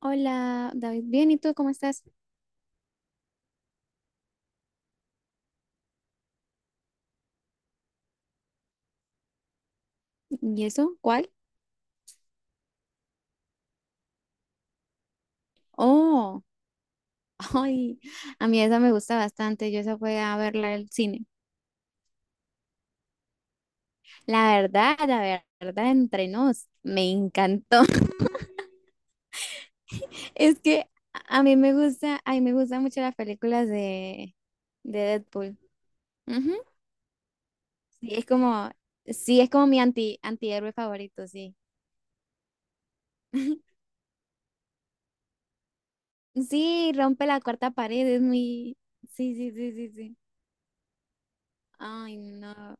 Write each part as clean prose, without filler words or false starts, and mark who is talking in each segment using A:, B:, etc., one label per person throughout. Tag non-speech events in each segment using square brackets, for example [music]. A: Hola, David. Bien, ¿y tú cómo estás? ¿Y eso? ¿Cuál? Oh, [laughs] ay, a mí esa me gusta bastante. Yo esa fue a verla al cine. La verdad, entre nos, me encantó. [laughs] Es que a mí me gusta, a mí me gustan mucho las películas de Deadpool. Ujú. Sí, es como, sí, es como mi antihéroe favorito, sí. [laughs] Sí, rompe la cuarta pared, es muy... Sí, sí, sí, sí, sí. Ay, no.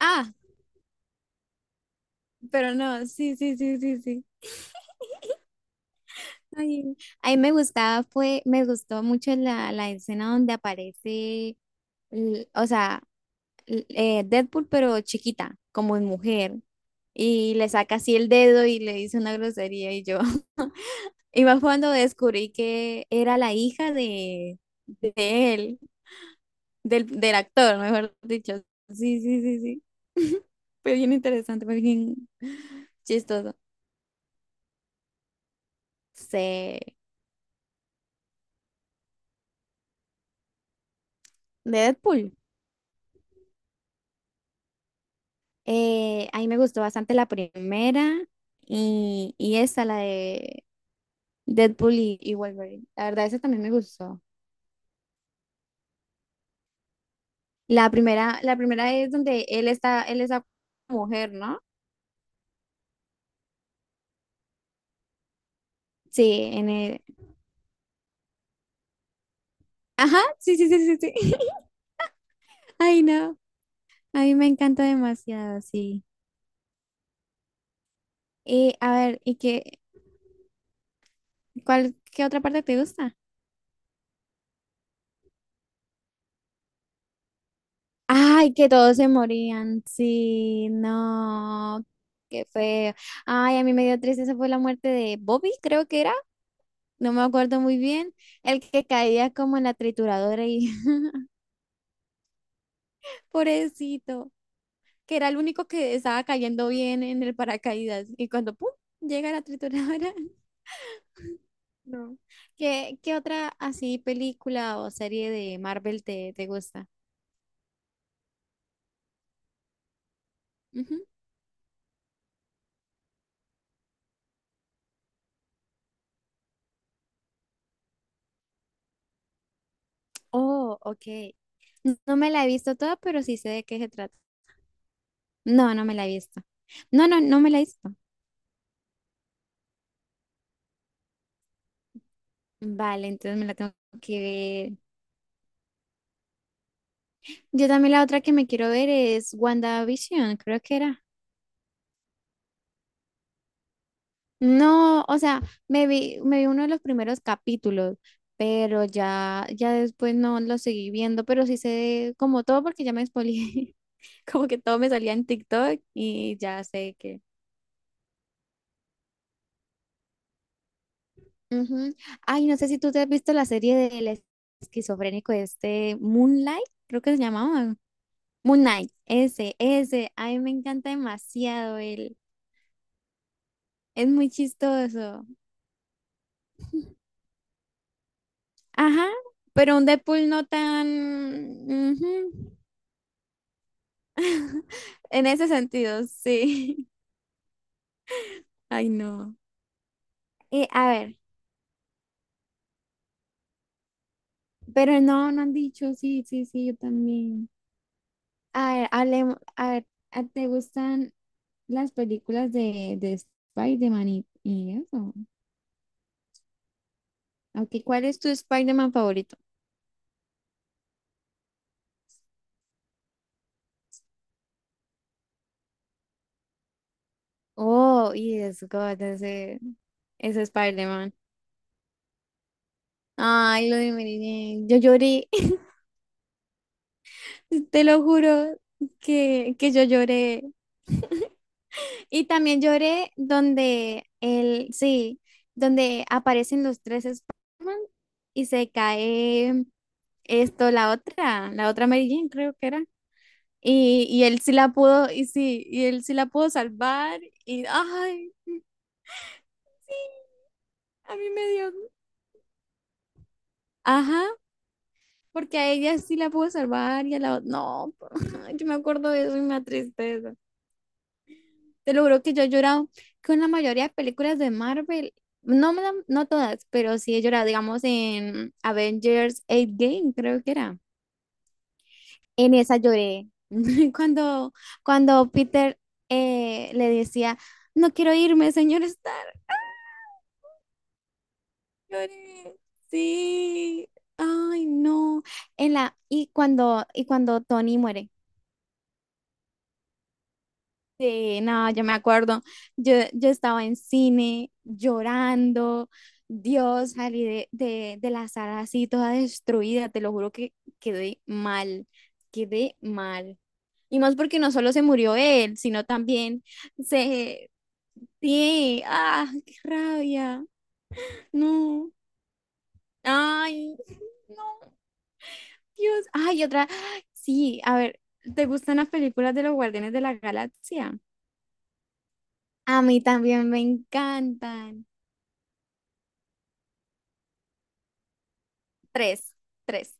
A: Ah. Pero no, sí, sí, sí, sí, sí. Ay, a mí me gustaba, fue, me gustó mucho la escena donde aparece, o sea, Deadpool, pero chiquita, como en mujer, y le saca así el dedo y le dice una grosería y yo. [laughs] Y más cuando descubrí que era la hija de él, del actor, mejor dicho. Sí, sí, sí, sí. [laughs] Fue bien interesante, fue bien chistoso. Sí, de Deadpool. A mí me gustó bastante la primera y esta, la de Deadpool y Wolverine. La verdad, esa también me gustó. La primera es donde él está, él es la mujer, ¿no? Sí, en el... Ajá, sí, sí, sí, sí, sí. [laughs] Ay, no. A mí me encanta demasiado, sí. Y a ver, ¿y cuál, qué otra parte te gusta? Ay, que todos se morían. Sí, no. Qué feo. Ay, a mí me dio tristeza fue la muerte de Bobby, creo que era. No me acuerdo muy bien, el que caía como en la trituradora y [laughs] pobrecito, que era el único que estaba cayendo bien en el paracaídas y cuando ¡pum! Llega la trituradora. [laughs] No. Qué otra así película o serie de Marvel te gusta? Ujú. Oh, ok. No me la he visto toda, pero sí sé de qué se trata. No, no me la he visto. No, no, no me la he visto. Vale, entonces me la tengo que ver. Yo también la otra que me quiero ver es WandaVision, creo que era. No, o sea, me vi uno de los primeros capítulos, pero ya, ya después no lo seguí viendo, pero sí sé como todo porque ya me spoileé, [laughs] como que todo me salía en TikTok y ya sé que. Ujú. Ay, no sé si tú te has visto la serie del esquizofrénico este Moonlight, creo que se llamaba. Moon Knight, ese, a mí me encanta demasiado él, es muy chistoso. Ajá, pero un Deadpool no tan... ujú. [laughs] En ese sentido, sí. [laughs] Ay, no. A ver, pero no, no han dicho, sí, sí, sí, yo también. A ver, hablemos, a ver, ¿te gustan las películas de Spider-Man y eso? Ok, ¿cuál es tu Spider-Man favorito? Oh, yes, God, ese Spider-Man. Ay, lo de Mary Jane, yo lloré, [laughs] te lo juro que yo lloré. [laughs] Y también lloré donde el, sí, donde aparecen los tres Spider-Man y se cae esto, la otra Mary Jane, creo que era. Y él sí la pudo, y sí, y él sí la pudo salvar. Y ay, [laughs] sí, a mí me dio. Ajá, porque a ella sí la pudo salvar y a la otra. No, [laughs] yo me acuerdo de eso y me da tristeza. Te lo juro que yo he llorado con la mayoría de películas de Marvel. No, no todas, pero sí he llorado, digamos, en Avengers Game creo que era. En esa lloré. [laughs] Cuando, cuando Peter le decía, no quiero irme, señor Stark. ¡Ah! Lloré. Sí. Ay, no. En la, y cuando Tony muere. Sí, no, yo me acuerdo, yo estaba en cine llorando, Dios, salí de la sala así toda destruida, te lo juro que quedé mal, quedé mal. Y más porque no solo se murió él, sino también se... Sí, ah, qué rabia, no, ay, no, Dios, ay, otra, sí, a ver, ¿te gustan las películas de los Guardianes de la Galaxia? A mí también me encantan. Tres, tres.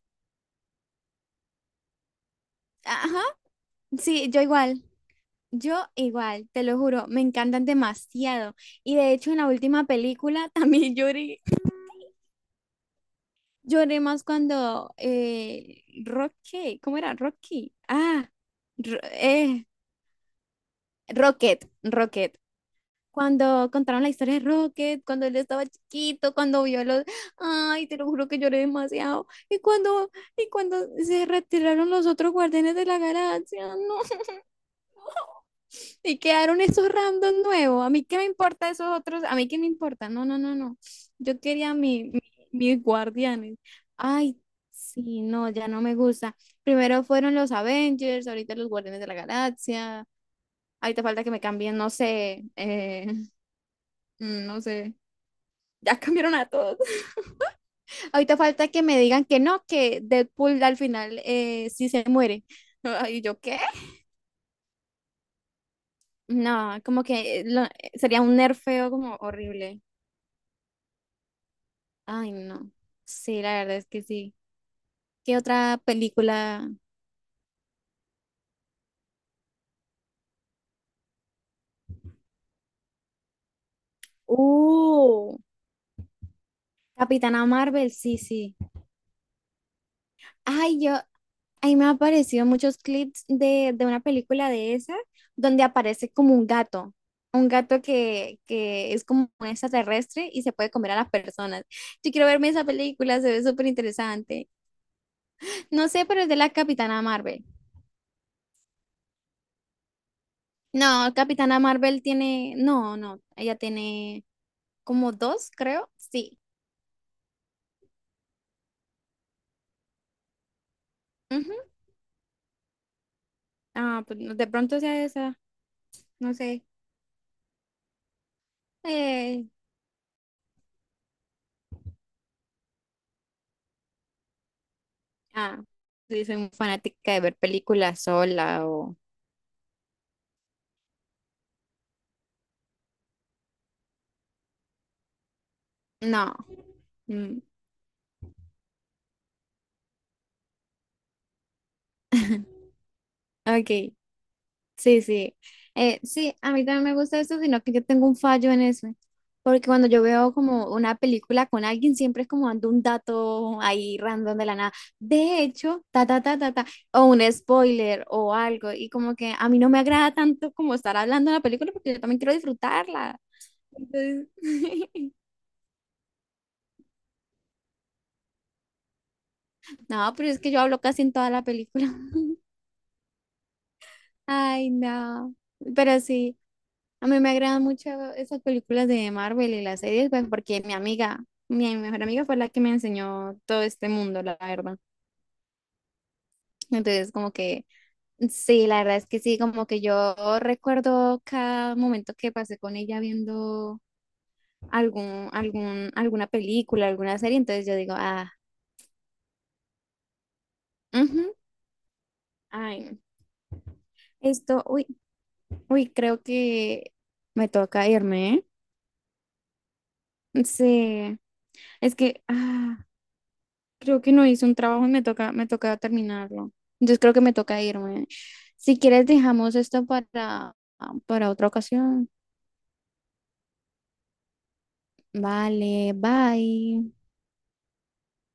A: Ajá, sí, yo igual, te lo juro, me encantan demasiado. Y de hecho en la última película también [laughs] lloré, lloré más cuando Rocky, ¿cómo era? Rocky. Ah, Ro- eh, Rocket, Rocket. Cuando contaron la historia de Rocket, cuando él estaba chiquito, cuando vio los... Ay, te lo juro que lloré demasiado. Y cuando se retiraron los otros guardianes de la galaxia, no. Y quedaron esos random nuevos. A mí qué me importa esos otros, a mí qué me importa. No, no, no, no. Yo quería mis guardianes. Ay, sí, no, ya no me gusta. Primero fueron los Avengers, ahorita los Guardianes de la Galaxia. Ahorita falta que me cambien, no sé, [laughs] mm, no sé. Ya cambiaron a todos. [laughs] Ahorita falta que me digan que no, que Deadpool al final sí se muere. [laughs] ¿Y yo qué? No, como que sería un nerfeo como horrible. Ay, no. Sí, la verdad es que sí. ¿Qué otra película? Uh, Capitana Marvel, sí, sí. Ay, yo, ahí me han aparecido muchos clips de una película de esa, donde aparece como un gato. Un gato que es como un extraterrestre y se puede comer a las personas. Yo quiero verme esa película, se ve súper interesante. No sé, pero es de la Capitana Marvel. No, Capitana Marvel tiene, no, no, ella tiene como dos, creo. Sí. Ujú. Ah, de pronto sea esa, no sé. Eh, ah, sí, soy muy fanática de ver películas sola o... No. Mm, [laughs] ok, sí, sí. Sí, a mí también me gusta eso, sino que yo tengo un fallo en eso. Porque cuando yo veo como una película con alguien, siempre es como dando un dato ahí random de la nada. De hecho, ta, ta, ta, ta, ta, o un spoiler o algo. Y como que a mí no me agrada tanto como estar hablando de la película porque yo también quiero disfrutarla. Entonces, [laughs] no, pero es que yo hablo casi en toda la película. [laughs] Ay, no. Pero sí, a mí me agradan mucho esas películas de Marvel y las series, pues porque mi amiga, mi mejor amiga fue la que me enseñó todo este mundo, la verdad. Entonces, como que, sí, la verdad es que sí, como que yo recuerdo cada momento que pasé con ella viendo alguna película, alguna serie, entonces yo digo, ah, ujú, ay, no. Esto, uy. Uy, creo que me toca irme, ¿eh? Sí, es que ah, creo que no hice un trabajo y me toca terminarlo. Entonces creo que me toca irme. Si quieres, dejamos esto para otra ocasión. Vale, bye.